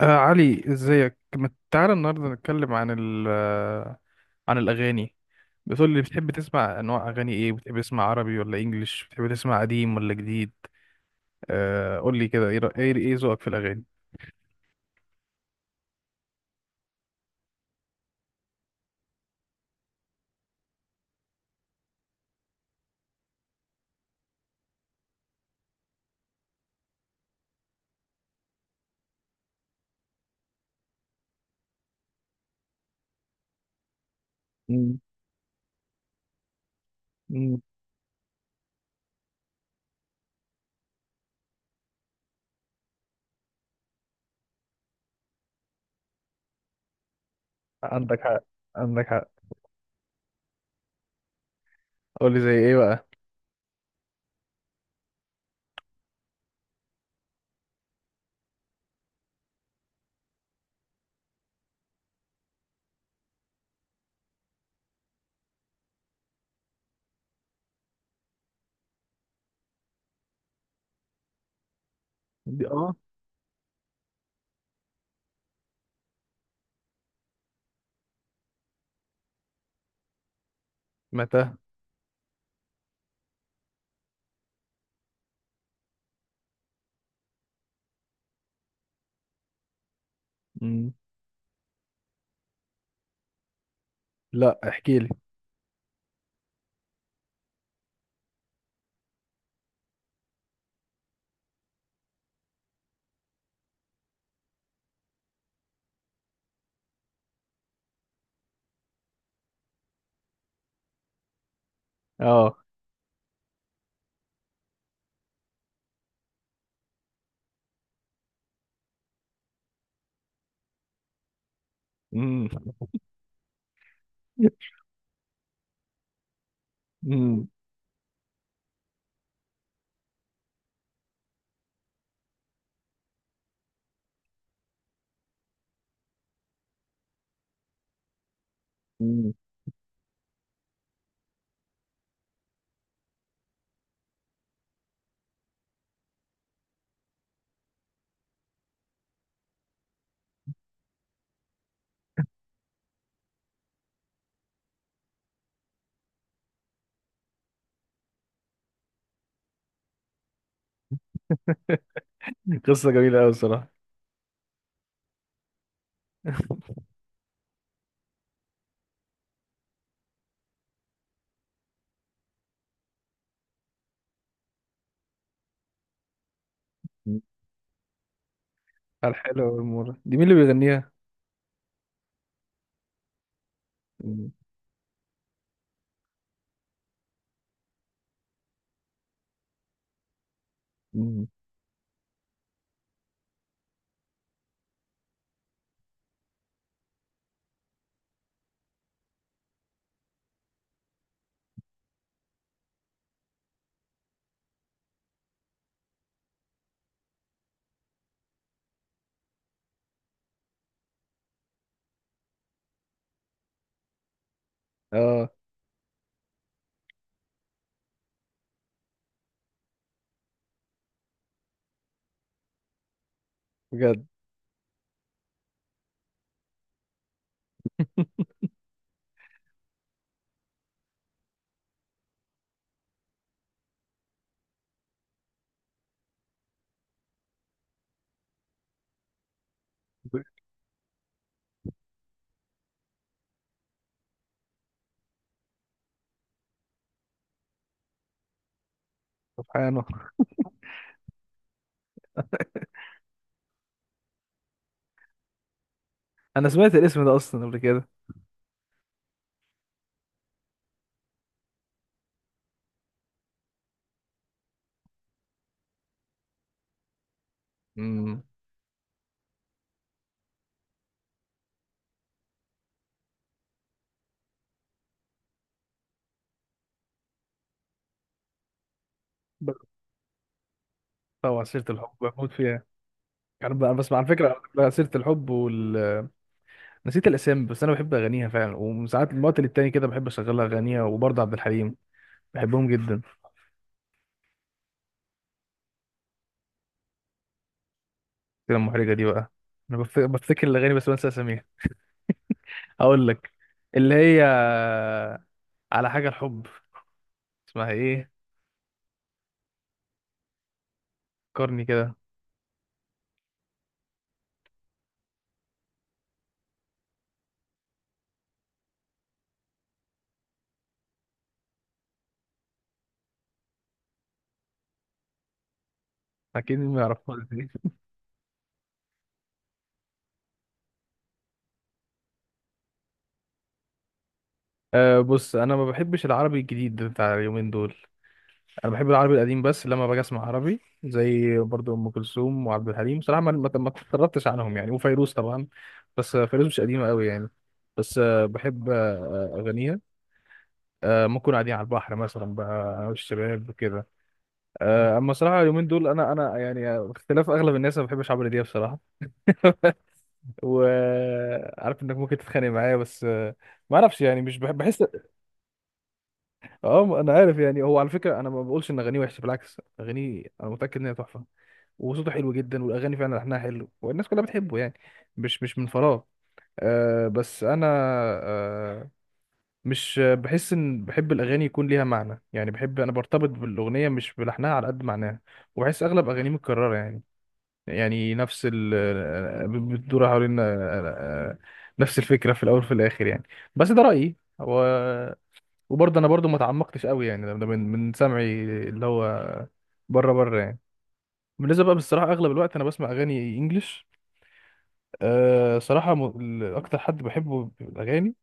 علي ازيك؟ ما تعالى النهارده نتكلم عن ال آه، عن الاغاني. بتقول لي بتحب تسمع انواع اغاني ايه؟ بتحب تسمع عربي ولا انجليش؟ بتحب تسمع قديم ولا جديد؟ قول لي كده، ايه رأ- ايه إيه ذوقك في الاغاني؟ مم. مم. عندك حق، عندك حق. قول لي زي ايه بقى. دي اه. متى؟ مم. لا، احكي لي. اه. مم. مم. مم. قصه جميله قوي الصراحه. مم. الحلوه والمره دي مين اللي بيغنيها؟ مم. مم. اه، بجد؟ سبحانه. انا سمعت الاسم ده اصلا قبل كده. امم. بس طبعا عصيرة الحب بموت فيها. انا بسمع على فكره عصيرة الحب وال... نسيت الاسامي، بس انا بحب اغانيها فعلا، وساعات من وقت للتاني كده بحب اشغلها اغانيها، وبرضه عبد الحليم، بحبهم جدا. كده المحرجه دي بقى. انا بفتكر الاغاني بس بنسى اساميها. اقول لك، اللي هي على حاجه الحب. اسمها ايه؟ فكرني كده. اكيد ما يعرفهاش دي. أه بص، انا ما بحبش العربي الجديد بتاع اليومين دول. انا بحب العربي القديم. بس لما باجي اسمع عربي زي برضو ام كلثوم وعبد الحليم، بصراحه ما اتطربتش عنهم يعني. وفيروز طبعا، بس فيروز مش قديمه قوي يعني. بس بحب اغانيها. آه، ممكن قاعدين على البحر مثلا بقى أنا والشباب كده. آه، اما صراحه اليومين دول، انا يعني باختلاف اغلب الناس ما بحبش عمرو دياب بصراحه. وعارف انك ممكن تتخانق معايا، بس ما اعرفش يعني، مش بحب، بحس. اه انا عارف يعني. هو على فكره انا ما بقولش ان اغانيه وحشه، بالعكس اغانيه انا متاكد ان هي تحفه، وصوته حلو جدا، والاغاني فعلا لحنها حلو، والناس كلها بتحبه يعني، مش من فراغ. آه بس انا، آه، مش بحس. ان بحب الاغاني يكون ليها معنى يعني، بحب انا برتبط بالاغنيه مش بلحنها، على قد معناها. وبحس اغلب اغانيه متكرره يعني، يعني نفس ال آه، آه، بتدور حوالين آه، نفس الفكره في الاول وفي الاخر يعني. بس ده رايي هو. وبرضه انا برضه ما تعمقتش قوي يعني، ده ده من من سمعي، اللي هو بره بره يعني. بالنسبه بقى بصراحه، اغلب الوقت انا بسمع اغاني انجلش. أه صراحة، أكتر حد بحبه في الأغاني،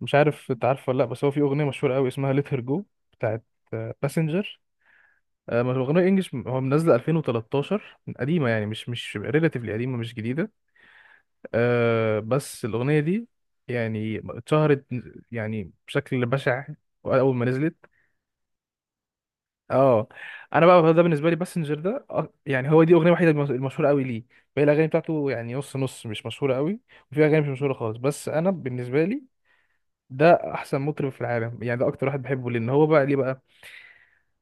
مش عارف أنت عارفه ولا لأ، بس هو في أغنية مشهورة أوي اسمها Let Her Go بتاعت باسنجر. أه ما هو أغنية إنجلش، هو منزلة 2013، قديمة يعني، مش ريلاتيفلي قديمة، مش جديدة. أه بس الأغنية دي يعني اتشهرت يعني بشكل بشع أول ما نزلت. اه انا بقى ده بالنسبه لي باسنجر ده يعني هو دي اغنيه وحيده المشهوره قوي ليه، باقي الاغاني بتاعته يعني نص نص، مش مشهوره قوي، وفي اغاني مش مشهوره خالص. بس انا بالنسبه لي ده احسن مطرب في العالم يعني، ده اكتر واحد بحبه. لان هو بقى ليه بقى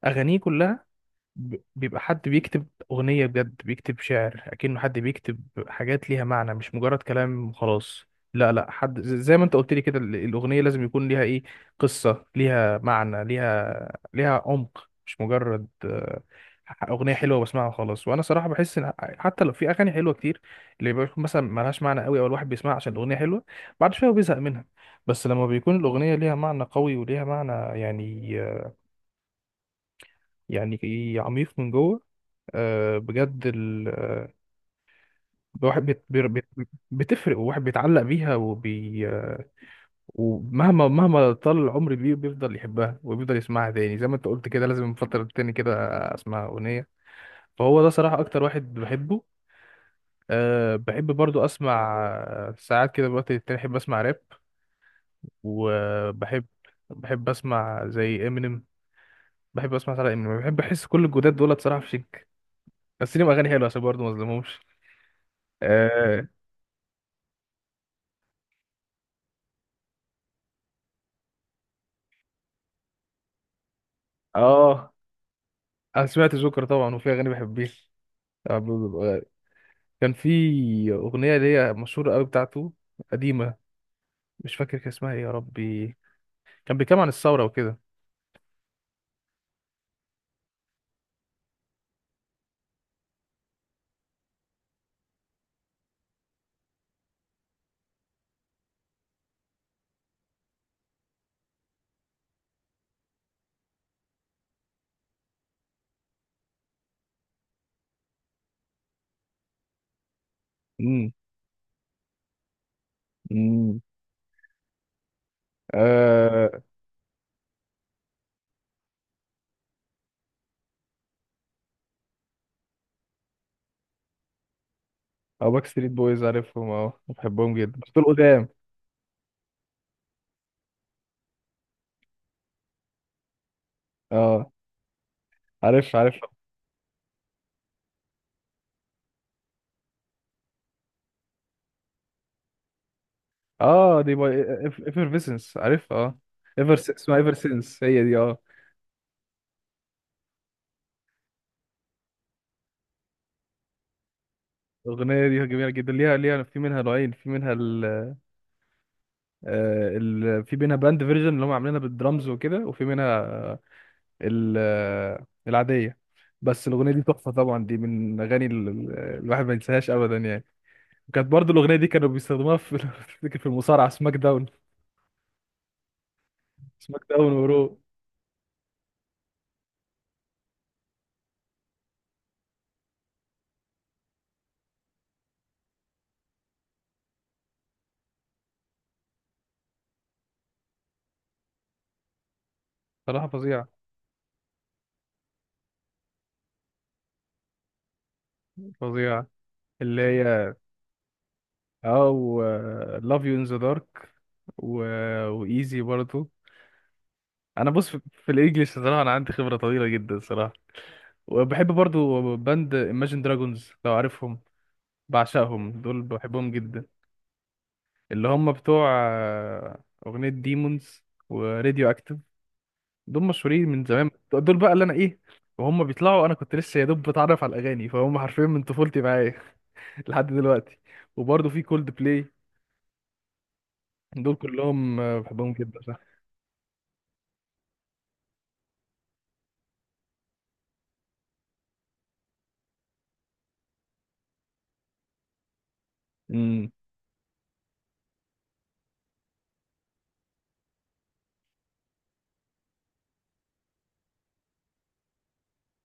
اغانيه كلها بيبقى حد بيكتب أغنية بجد، بيكتب شعر أكنه حد بيكتب حاجات ليها معنى، مش مجرد كلام وخلاص. لا حد زي ما انت قلت لي كده، الأغنية لازم يكون ليها ايه، قصة، ليها معنى، ليها عمق، مش مجرد أغنية حلوة بسمعها وخلاص. وأنا صراحة بحس إن حتى لو في أغاني حلوة كتير، اللي بيكون مثلا ملهاش معنى قوي، أو الواحد بيسمعها عشان الأغنية حلوة، بعد شوية هو بيزهق منها. بس لما بيكون الأغنية ليها معنى قوي وليها معنى يعني، يعني عميق من جوه، بجد الواحد بتفرق، والواحد بيتعلق بيها وبي ومهما طال العمر بيه بيفضل يحبها، وبيفضل يسمعها تاني، زي ما انت قلت كده لازم من فترة تاني كده اسمع أغنية. فهو ده صراحة أكتر واحد بحبه. أه بحب برضو أسمع ساعات كده الوقت التاني بحب أسمع راب. وبحب، بحب أسمع زي إمينيم. بحب أسمع ساعات إمينيم. بحب أحس كل الجداد دول صراحة في شك، بس ليهم أغاني حلوة عشان برضو مظلمهمش. اه آه، انا سمعت جوكر طبعا، وفي اغاني بحبيش. آه، ب- ب- ب- كان في اغنيه ليا مشهوره قوي بتاعته، قديمه، مش فاكر كان اسمها ايه يا ربي. كان بيتكلم عن الثوره وكده. امم. امم. اه. او باك ستريت بويز، عارفهم، اه بحبهم جدا بس دول قدام. اه. عارف، عارف. اه دي باي ايفرفيسنس، عارف، اه. ايفر، اسمها ايفر سينس، هي دي، اه. الاغنيه دي جميله جدا. ليها في منها نوعين، في منها في منها باند فيرجن اللي هم عاملينها بالدرامز وكده، وفي منها العادية. بس الأغنية دي تحفة طبعا، دي من الأغاني الواحد ما ينساهاش أبدا يعني. وكانت برضو الأغنية دي كانوا بيستخدموها في افتكر في المصارعة سماك داون. سماك داون ورو. صراحة فظيعة، فظيعة. اللي هي اه و لاف يو ان ذا دارك، و وايزي برضو. انا بص، في في الانجليش صراحة انا عندي خبرة طويلة جدا صراحة. وبحب برضو باند Imagine Dragons لو عارفهم، بعشقهم دول، بحبهم جدا. اللي هم بتوع أغنية ديمونز وراديو أكتف. دول مشهورين من زمان، دول بقى اللي أنا إيه، وهم بيطلعوا أنا كنت لسه يا دوب بتعرف على الأغاني، فهم حرفيا من طفولتي معايا لحد دلوقتي. وبرضه في كولد بلاي. دول كلهم بحبهم جدا، صح. امم.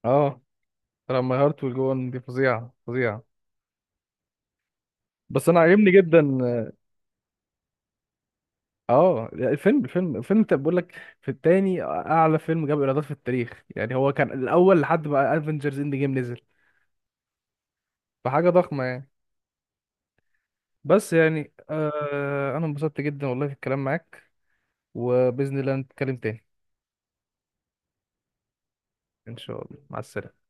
اه لما هارت والجون دي فظيعة، فظيعة، بس أنا عاجبني جدا. اه الفيلم، الفيلم انت بقول لك في التاني اعلى فيلم جاب ايرادات في التاريخ يعني، هو كان الاول لحد ما افنجرز اند جيم نزل. فحاجه ضخمه يعني. بس يعني آه انا انبسطت جدا والله في الكلام معاك. وباذن الله نتكلم تاني. ان شاء الله، مع السلامه.